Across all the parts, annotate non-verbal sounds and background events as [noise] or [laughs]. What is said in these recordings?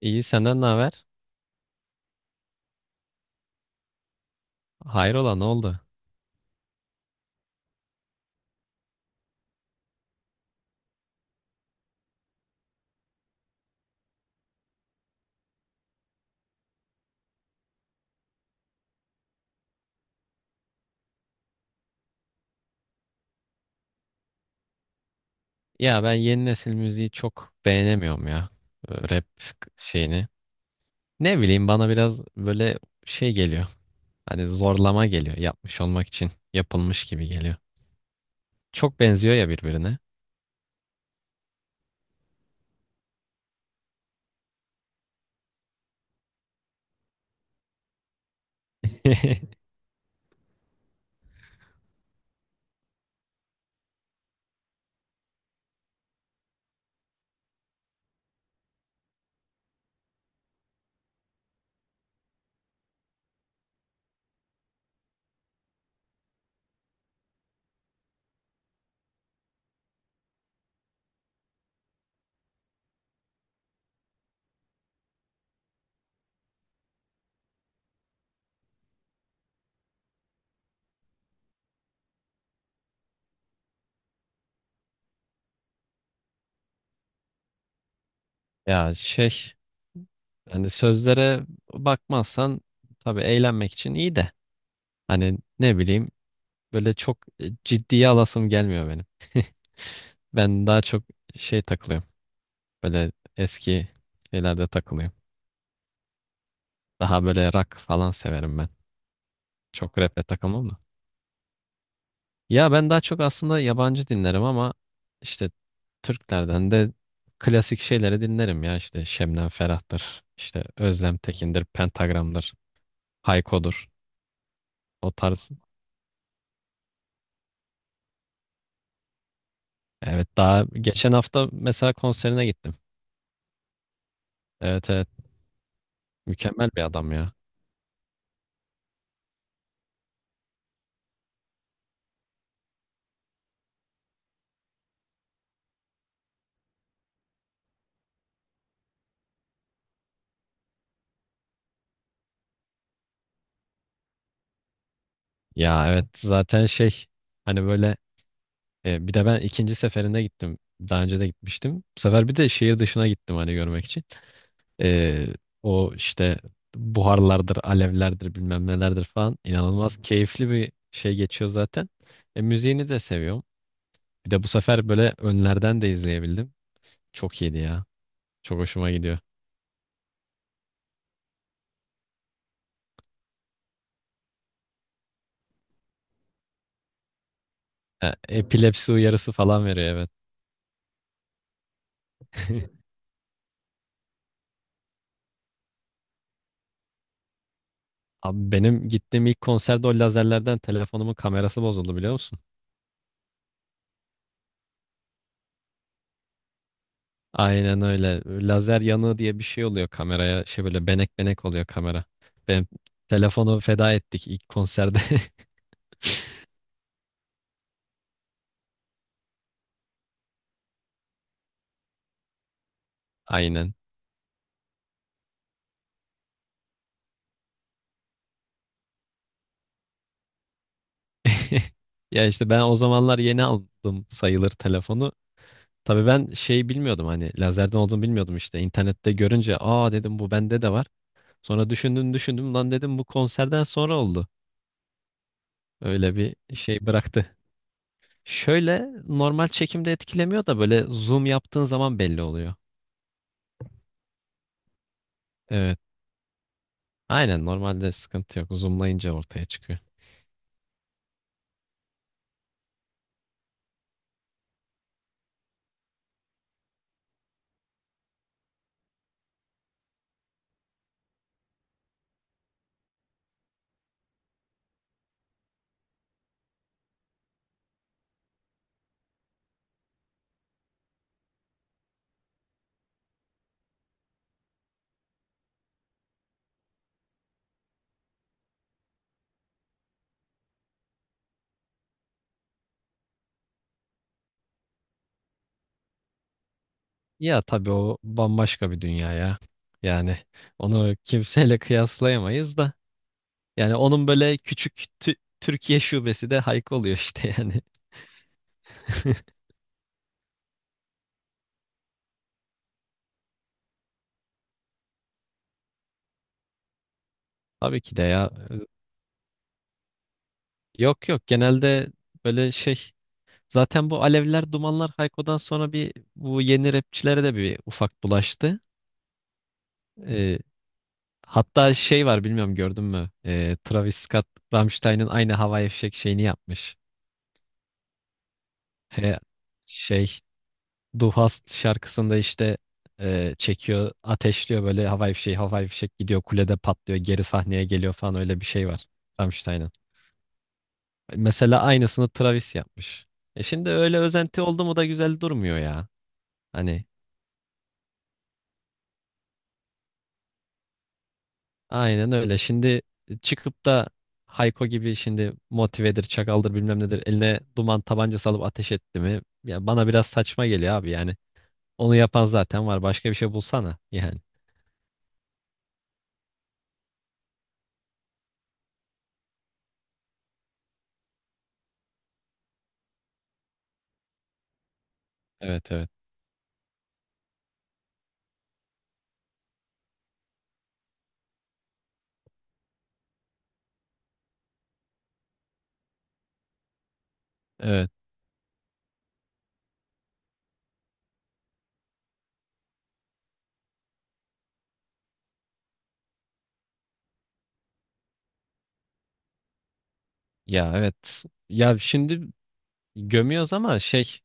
İyi, senden ne haber? Hayrola, ne oldu? Ya ben yeni nesil müziği çok beğenemiyorum ya. Rap şeyini. Ne bileyim, bana biraz böyle şey geliyor. Hani zorlama geliyor. Yapmış olmak için yapılmış gibi geliyor. Çok benziyor ya birbirine. [laughs] Ya şey, hani sözlere bakmazsan tabii eğlenmek için iyi de, hani ne bileyim, böyle çok ciddiye alasım gelmiyor benim. [laughs] Ben daha çok şey takılıyorum. Böyle eski şeylerde takılıyorum. Daha böyle rock falan severim ben. Çok rap'le takılmam da. Ya ben daha çok aslında yabancı dinlerim ama işte Türklerden de klasik şeyleri dinlerim ya. İşte Şebnem Ferah'tır, işte Özlem Tekin'dir, Pentagram'dır, Hayko'dur. O tarz. Evet, daha geçen hafta mesela konserine gittim. Evet, evet, mükemmel bir adam ya. Ya evet, zaten şey, hani böyle, bir de ben ikinci seferinde gittim. Daha önce de gitmiştim. Bu sefer bir de şehir dışına gittim hani görmek için. Ee, O işte buharlardır, alevlerdir, bilmem nelerdir falan. İnanılmaz keyifli bir şey geçiyor zaten. Müziğini de seviyorum. Bir de bu sefer böyle önlerden de izleyebildim. Çok iyiydi ya. Çok hoşuma gidiyor. Epilepsi uyarısı falan veriyor, evet. [laughs] Abi, benim gittiğim ilk konserde o lazerlerden telefonumun kamerası bozuldu, biliyor musun? Aynen öyle. Lazer yanığı diye bir şey oluyor kameraya. Şey, böyle benek benek oluyor kamera. Ben telefonu feda ettik ilk konserde. [laughs] Aynen. [laughs] Ya işte, ben o zamanlar yeni aldım sayılır telefonu. Tabii ben şey bilmiyordum, hani lazerden olduğunu bilmiyordum işte. İnternette görünce aa dedim, bu bende de var. Sonra düşündüm düşündüm, lan dedim, bu konserden sonra oldu. Öyle bir şey bıraktı. Şöyle, normal çekimde etkilemiyor da böyle zoom yaptığın zaman belli oluyor. Evet. Aynen, normalde sıkıntı yok. Zoomlayınca ortaya çıkıyor. Ya tabii, o bambaşka bir dünya ya. Yani onu kimseyle kıyaslayamayız da. Yani onun böyle küçük Türkiye şubesi de Hayko oluyor işte yani. [laughs] Tabii ki de ya. Yok, yok, genelde böyle şey. Zaten bu Alevler Dumanlar Hayko'dan sonra bir, bu yeni rapçilere de bir ufak bulaştı. Ee, Hatta şey var, bilmiyorum gördün mü? Travis Scott Rammstein'in aynı Hava Fişek şeyini yapmış. He, şey, Du Hast şarkısında işte çekiyor, ateşliyor, böyle havai fişek, havai fişek gidiyor, kulede patlıyor, geri sahneye geliyor falan, öyle bir şey var Rammstein'ın. Mesela aynısını Travis yapmış. Şimdi öyle özenti oldu mu da güzel durmuyor ya. Hani aynen öyle. Şimdi çıkıp da Hayko gibi şimdi motivedir, çakaldır, bilmem nedir, eline duman tabancası alıp ateş etti mi? Ya, bana biraz saçma geliyor abi yani. Onu yapan zaten var. Başka bir şey bulsana yani. Evet, evet. Ee, Ya evet. Ya şimdi gömüyoruz ama şey,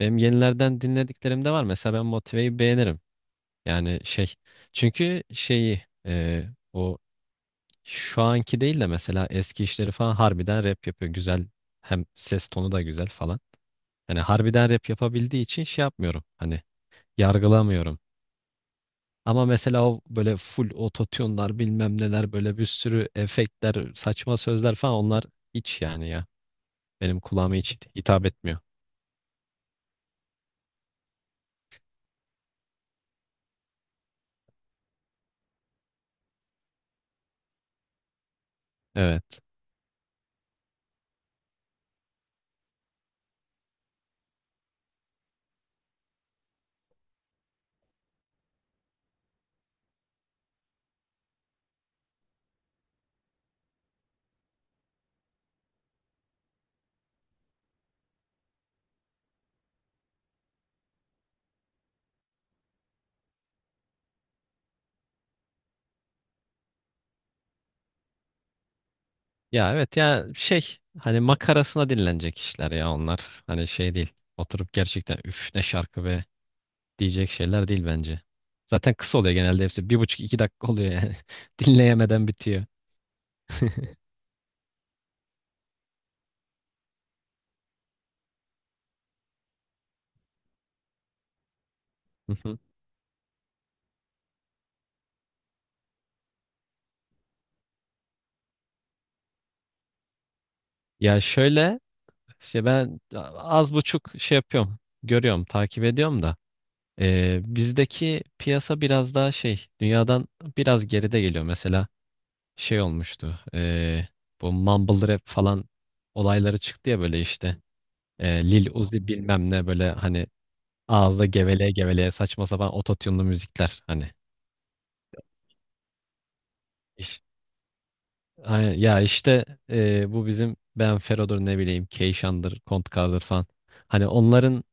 benim yenilerden dinlediklerim de var. Mesela ben Motive'yi beğenirim. Yani şey, çünkü şeyi, o şu anki değil de mesela eski işleri falan, harbiden rap yapıyor. Güzel, hem ses tonu da güzel falan. Hani harbiden rap yapabildiği için şey yapmıyorum. Hani yargılamıyorum. Ama mesela o böyle full ototune'lar, bilmem neler, böyle bir sürü efektler, saçma sözler falan, onlar hiç yani ya. Benim kulağıma hiç hitap etmiyor. Evet. Ya evet, ya şey, hani makarasına dinlenecek işler ya onlar. Hani şey değil. Oturup gerçekten üf ne şarkı be diyecek şeyler değil bence. Zaten kısa oluyor genelde hepsi. Bir buçuk iki dakika oluyor yani. [laughs] Dinleyemeden bitiyor. Hı hı. [laughs] Ya şöyle, işte ben az buçuk şey yapıyorum. Görüyorum, takip ediyorum da. Bizdeki piyasa biraz daha şey, dünyadan biraz geride geliyor. Mesela şey olmuştu. Bu mumble rap falan olayları çıktı ya böyle işte. Lil Uzi bilmem ne, böyle hani ağızda geveleye geveleye saçma sapan ototune'lu müzikler hani. İş- Hani ya işte, bu bizim Ben Fero'dur, ne bileyim Keyşan'dır, Kontkar'dır falan. Hani onların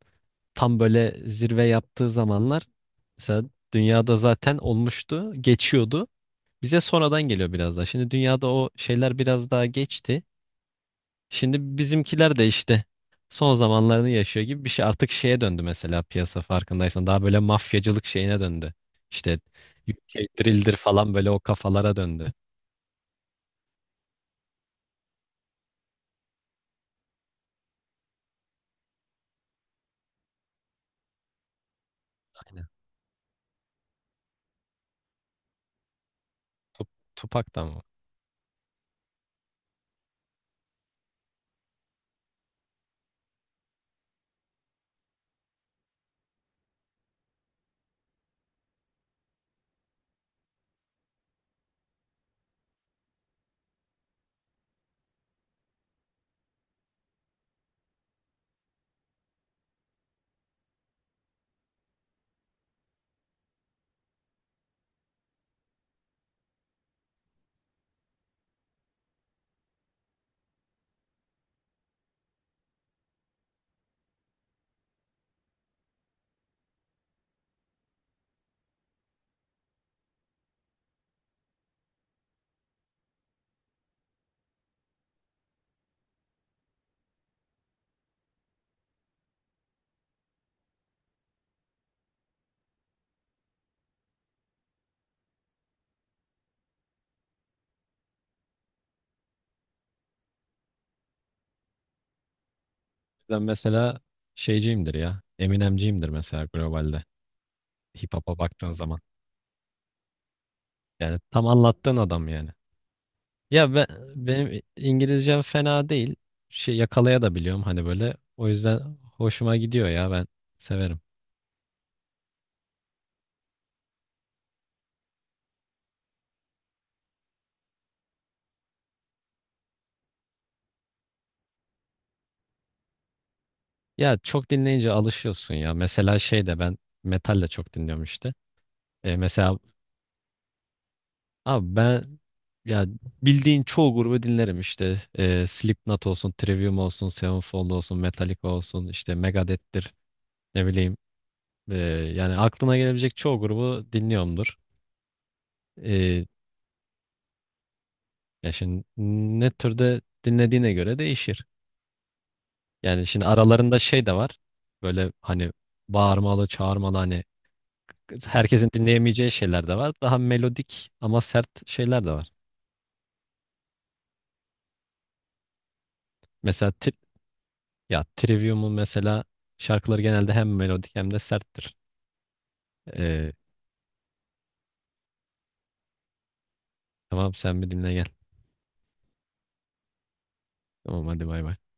tam böyle zirve yaptığı zamanlar, mesela dünyada zaten olmuştu, geçiyordu. Bize sonradan geliyor biraz daha. Şimdi dünyada o şeyler biraz daha geçti. Şimdi bizimkiler de işte son zamanlarını yaşıyor gibi bir şey. Artık şeye döndü mesela piyasa, farkındaysan. Daha böyle mafyacılık şeyine döndü. İşte UK Drill'dir falan, böyle o kafalara döndü. Aynen. Tup, Tupac da mı? Ben mesela şeyciyimdir ya. Eminemciyimdir mesela, globalde. Hip hop'a baktığın zaman. Yani tam anlattığın adam yani. Ya ben, Benim İngilizcem fena değil. Şey yakalaya da biliyorum hani böyle. O yüzden hoşuma gidiyor ya, ben severim. Ya çok dinleyince alışıyorsun ya. Mesela şey de, ben metal de çok dinliyorum işte. Mesela abi ben ya bildiğin çoğu grubu dinlerim işte. Slipknot olsun, Trivium olsun, Sevenfold olsun, Metallica olsun, işte Megadeth'tir, ne bileyim. E, Yani aklına gelebilecek çoğu grubu dinliyorumdur. E, Ya şimdi ne türde dinlediğine göre değişir. Yani şimdi aralarında şey de var. Böyle hani bağırmalı, çağırmalı, hani herkesin dinleyemeyeceği şeyler de var. Daha melodik ama sert şeyler de var. Mesela ya Trivium'un mesela şarkıları genelde hem melodik hem de serttir. Ee, tamam, sen bir dinle gel. Tamam, hadi bay bay.